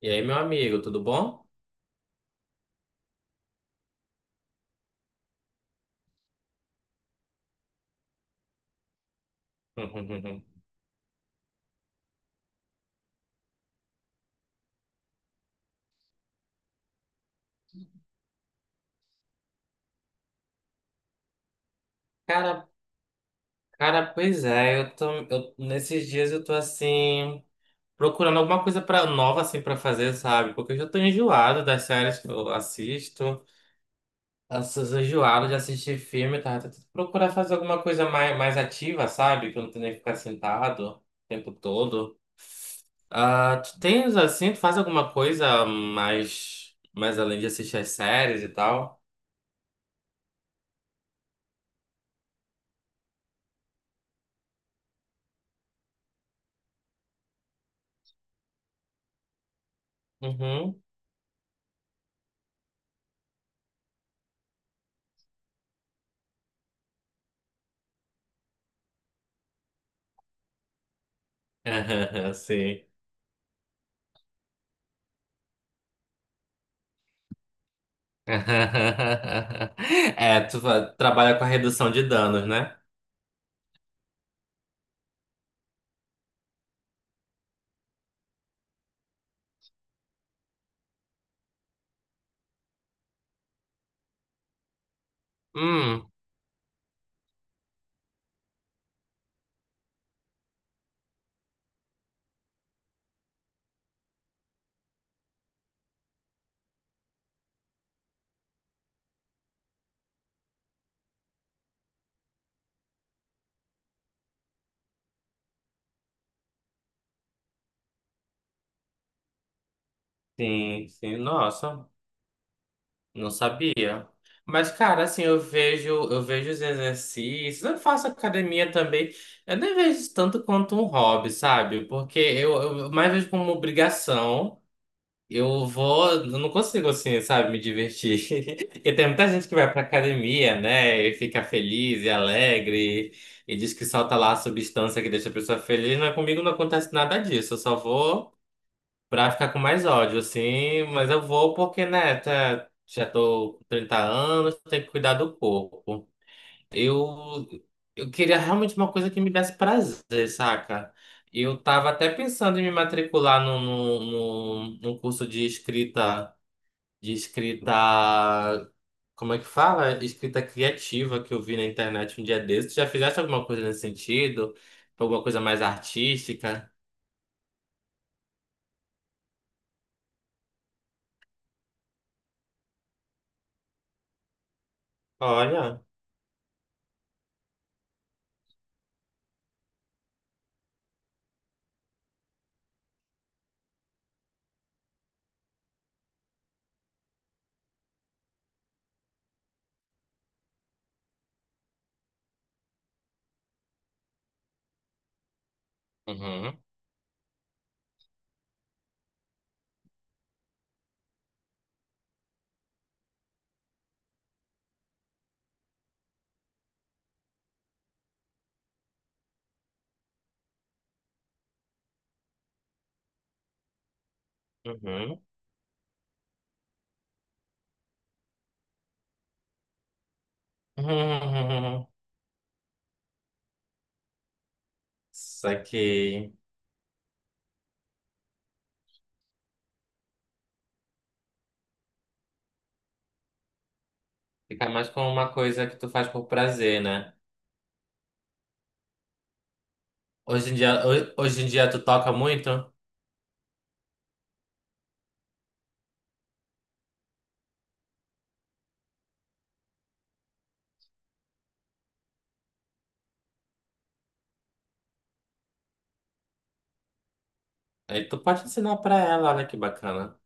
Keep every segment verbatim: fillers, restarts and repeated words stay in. E aí, meu amigo, tudo bom? Cara, cara, pois é, eu tô, eu, nesses dias eu tô assim, procurando alguma coisa pra, nova assim pra fazer, sabe? Porque eu já tô enjoado das séries que eu assisto, eu enjoado de assistir filme, tá? Tô tentando procurar fazer alguma coisa mais, mais ativa, sabe? Que eu não tenho que ficar sentado o tempo todo. Ah, tu tens assim, tu faz alguma coisa mais, mais além de assistir as séries e tal? Uhum. Sim. É, tu fa- trabalha com a redução de danos, né? Hum, sim, sim. Nossa, não sabia. Mas, cara, assim, eu vejo, eu vejo os exercícios, eu faço academia também. Eu nem vejo isso tanto quanto um hobby, sabe? Porque eu, eu mais vejo como uma obrigação. Eu vou, eu não consigo assim, sabe, me divertir. Porque tem muita gente que vai pra academia, né, e fica feliz e alegre, e diz que solta lá a substância que deixa a pessoa feliz, mas comigo não acontece nada disso. Eu só vou pra ficar com mais ódio, assim, mas eu vou porque, né, tá- já tô com trinta anos, tenho que cuidar do corpo. Eu, eu queria realmente uma coisa que me desse prazer, saca? Eu tava até pensando em me matricular num no, no, no, num curso de escrita, de escrita, como é que fala? Escrita criativa que eu vi na internet um dia desses. Já fizeste alguma coisa nesse sentido? Alguma coisa mais artística? Olha. Uhum, uhum. Uhum. Saquei. Fica mais com uma coisa que tu faz por prazer, né? Hoje em dia, ho- hoje em dia tu toca muito? Aí tu pode ensinar pra ela, olha que bacana.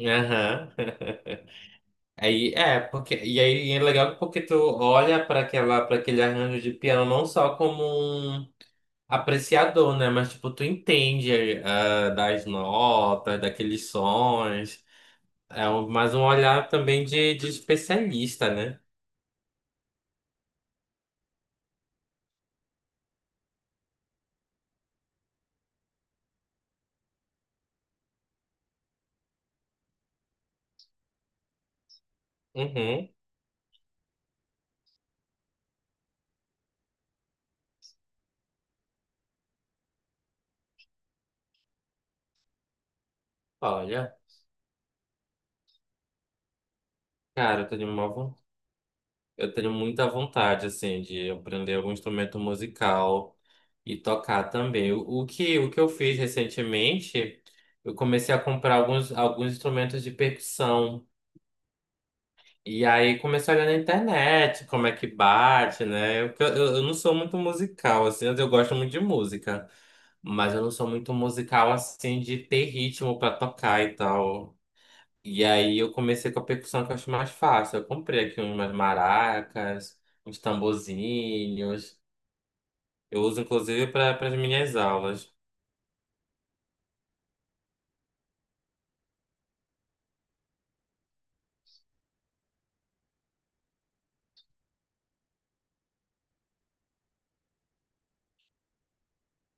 Aham. Aí é, porque e aí é legal porque tu olha para aquela para aquele arranjo de piano não só como um apreciador, né, mas tipo tu entende ah, das notas, daqueles sons. É um, mais um olhar também de, de especialista, né? Uhum. Olha, cara, eu tô de uma eu tenho muita vontade, assim, de aprender algum instrumento musical e tocar também. O, o que, o que eu fiz recentemente, eu comecei a comprar alguns, alguns instrumentos de percussão. E aí comecei a olhar na internet como é que bate, né? Eu, eu, eu não sou muito musical, assim, eu gosto muito de música. Mas eu não sou muito musical, assim, de ter ritmo pra tocar e tal. E aí eu comecei com a percussão que eu acho mais fácil. Eu comprei aqui umas maracas, uns tamborzinhos. Eu uso inclusive para as minhas aulas.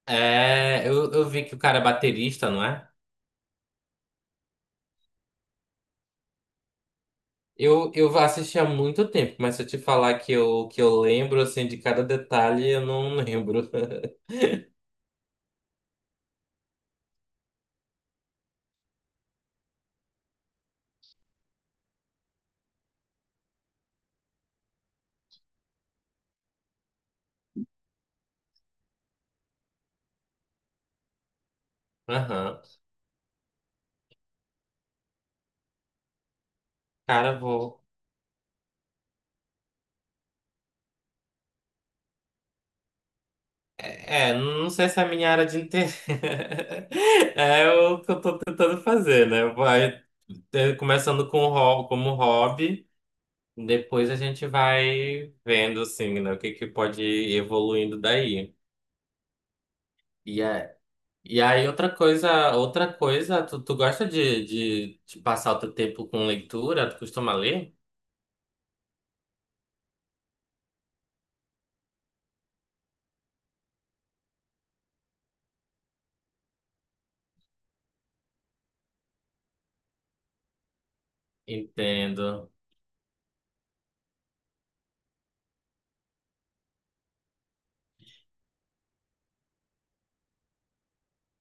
É, eu, eu vi que o cara é baterista, não é? Eu, eu assisti há muito tempo, mas se eu te falar que eu, que eu lembro assim de cada detalhe, eu não lembro. Aham. Cara, vou. É, não sei se é a minha área de interesse. É o que eu tô tentando fazer, né? Vai é, começando com o ho- como hobby. Depois a gente vai vendo, assim, né, o que que pode ir evoluindo daí. E, é, e aí, outra coisa, outra coisa, tu, tu gosta de, de, de passar o teu tempo com leitura? Tu costuma ler? Entendo.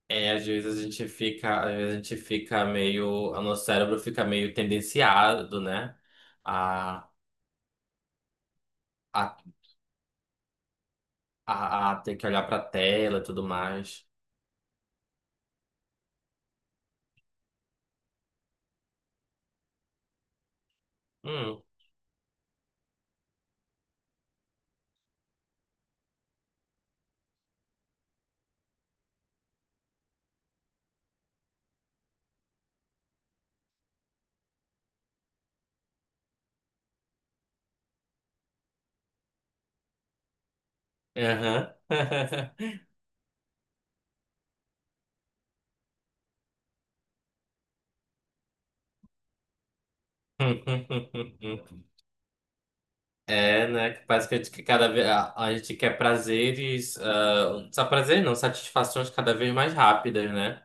É, às vezes a gente fica, às vezes a gente fica meio, o nosso cérebro fica meio tendenciado, né, a, a, a, a ter que olhar pra tela e tudo mais. Hum, aham. É, né? Que parece que a gente que cada vez a, a gente quer prazeres, ah, só prazer não, satisfações cada vez mais rápidas, né?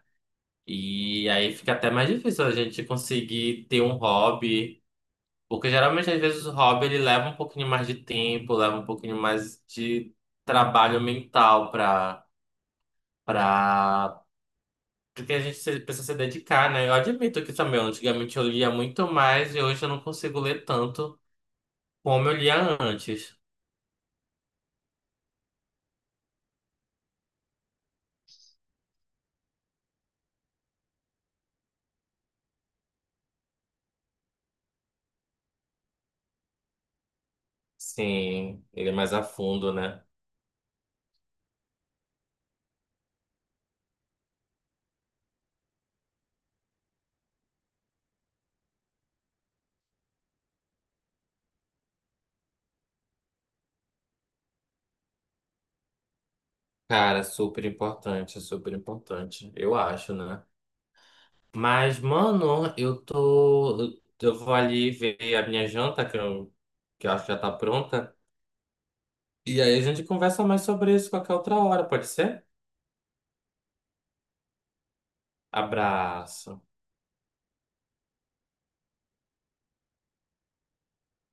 E aí fica até mais difícil a gente conseguir ter um hobby, porque geralmente às vezes o hobby ele leva um pouquinho mais de tempo, leva um pouquinho mais de trabalho mental para para porque a gente se- precisa se dedicar, né? Eu admito que também, antigamente eu lia muito mais e hoje eu não consigo ler tanto como eu lia antes. Sim, ele é mais a fundo, né? Cara, super importante, super importante, eu acho, né? Mas, mano, eu tô. Eu vou ali ver a minha janta, que eu, que eu acho que já tá pronta. E aí a gente conversa mais sobre isso qualquer outra hora, pode ser? Abraço.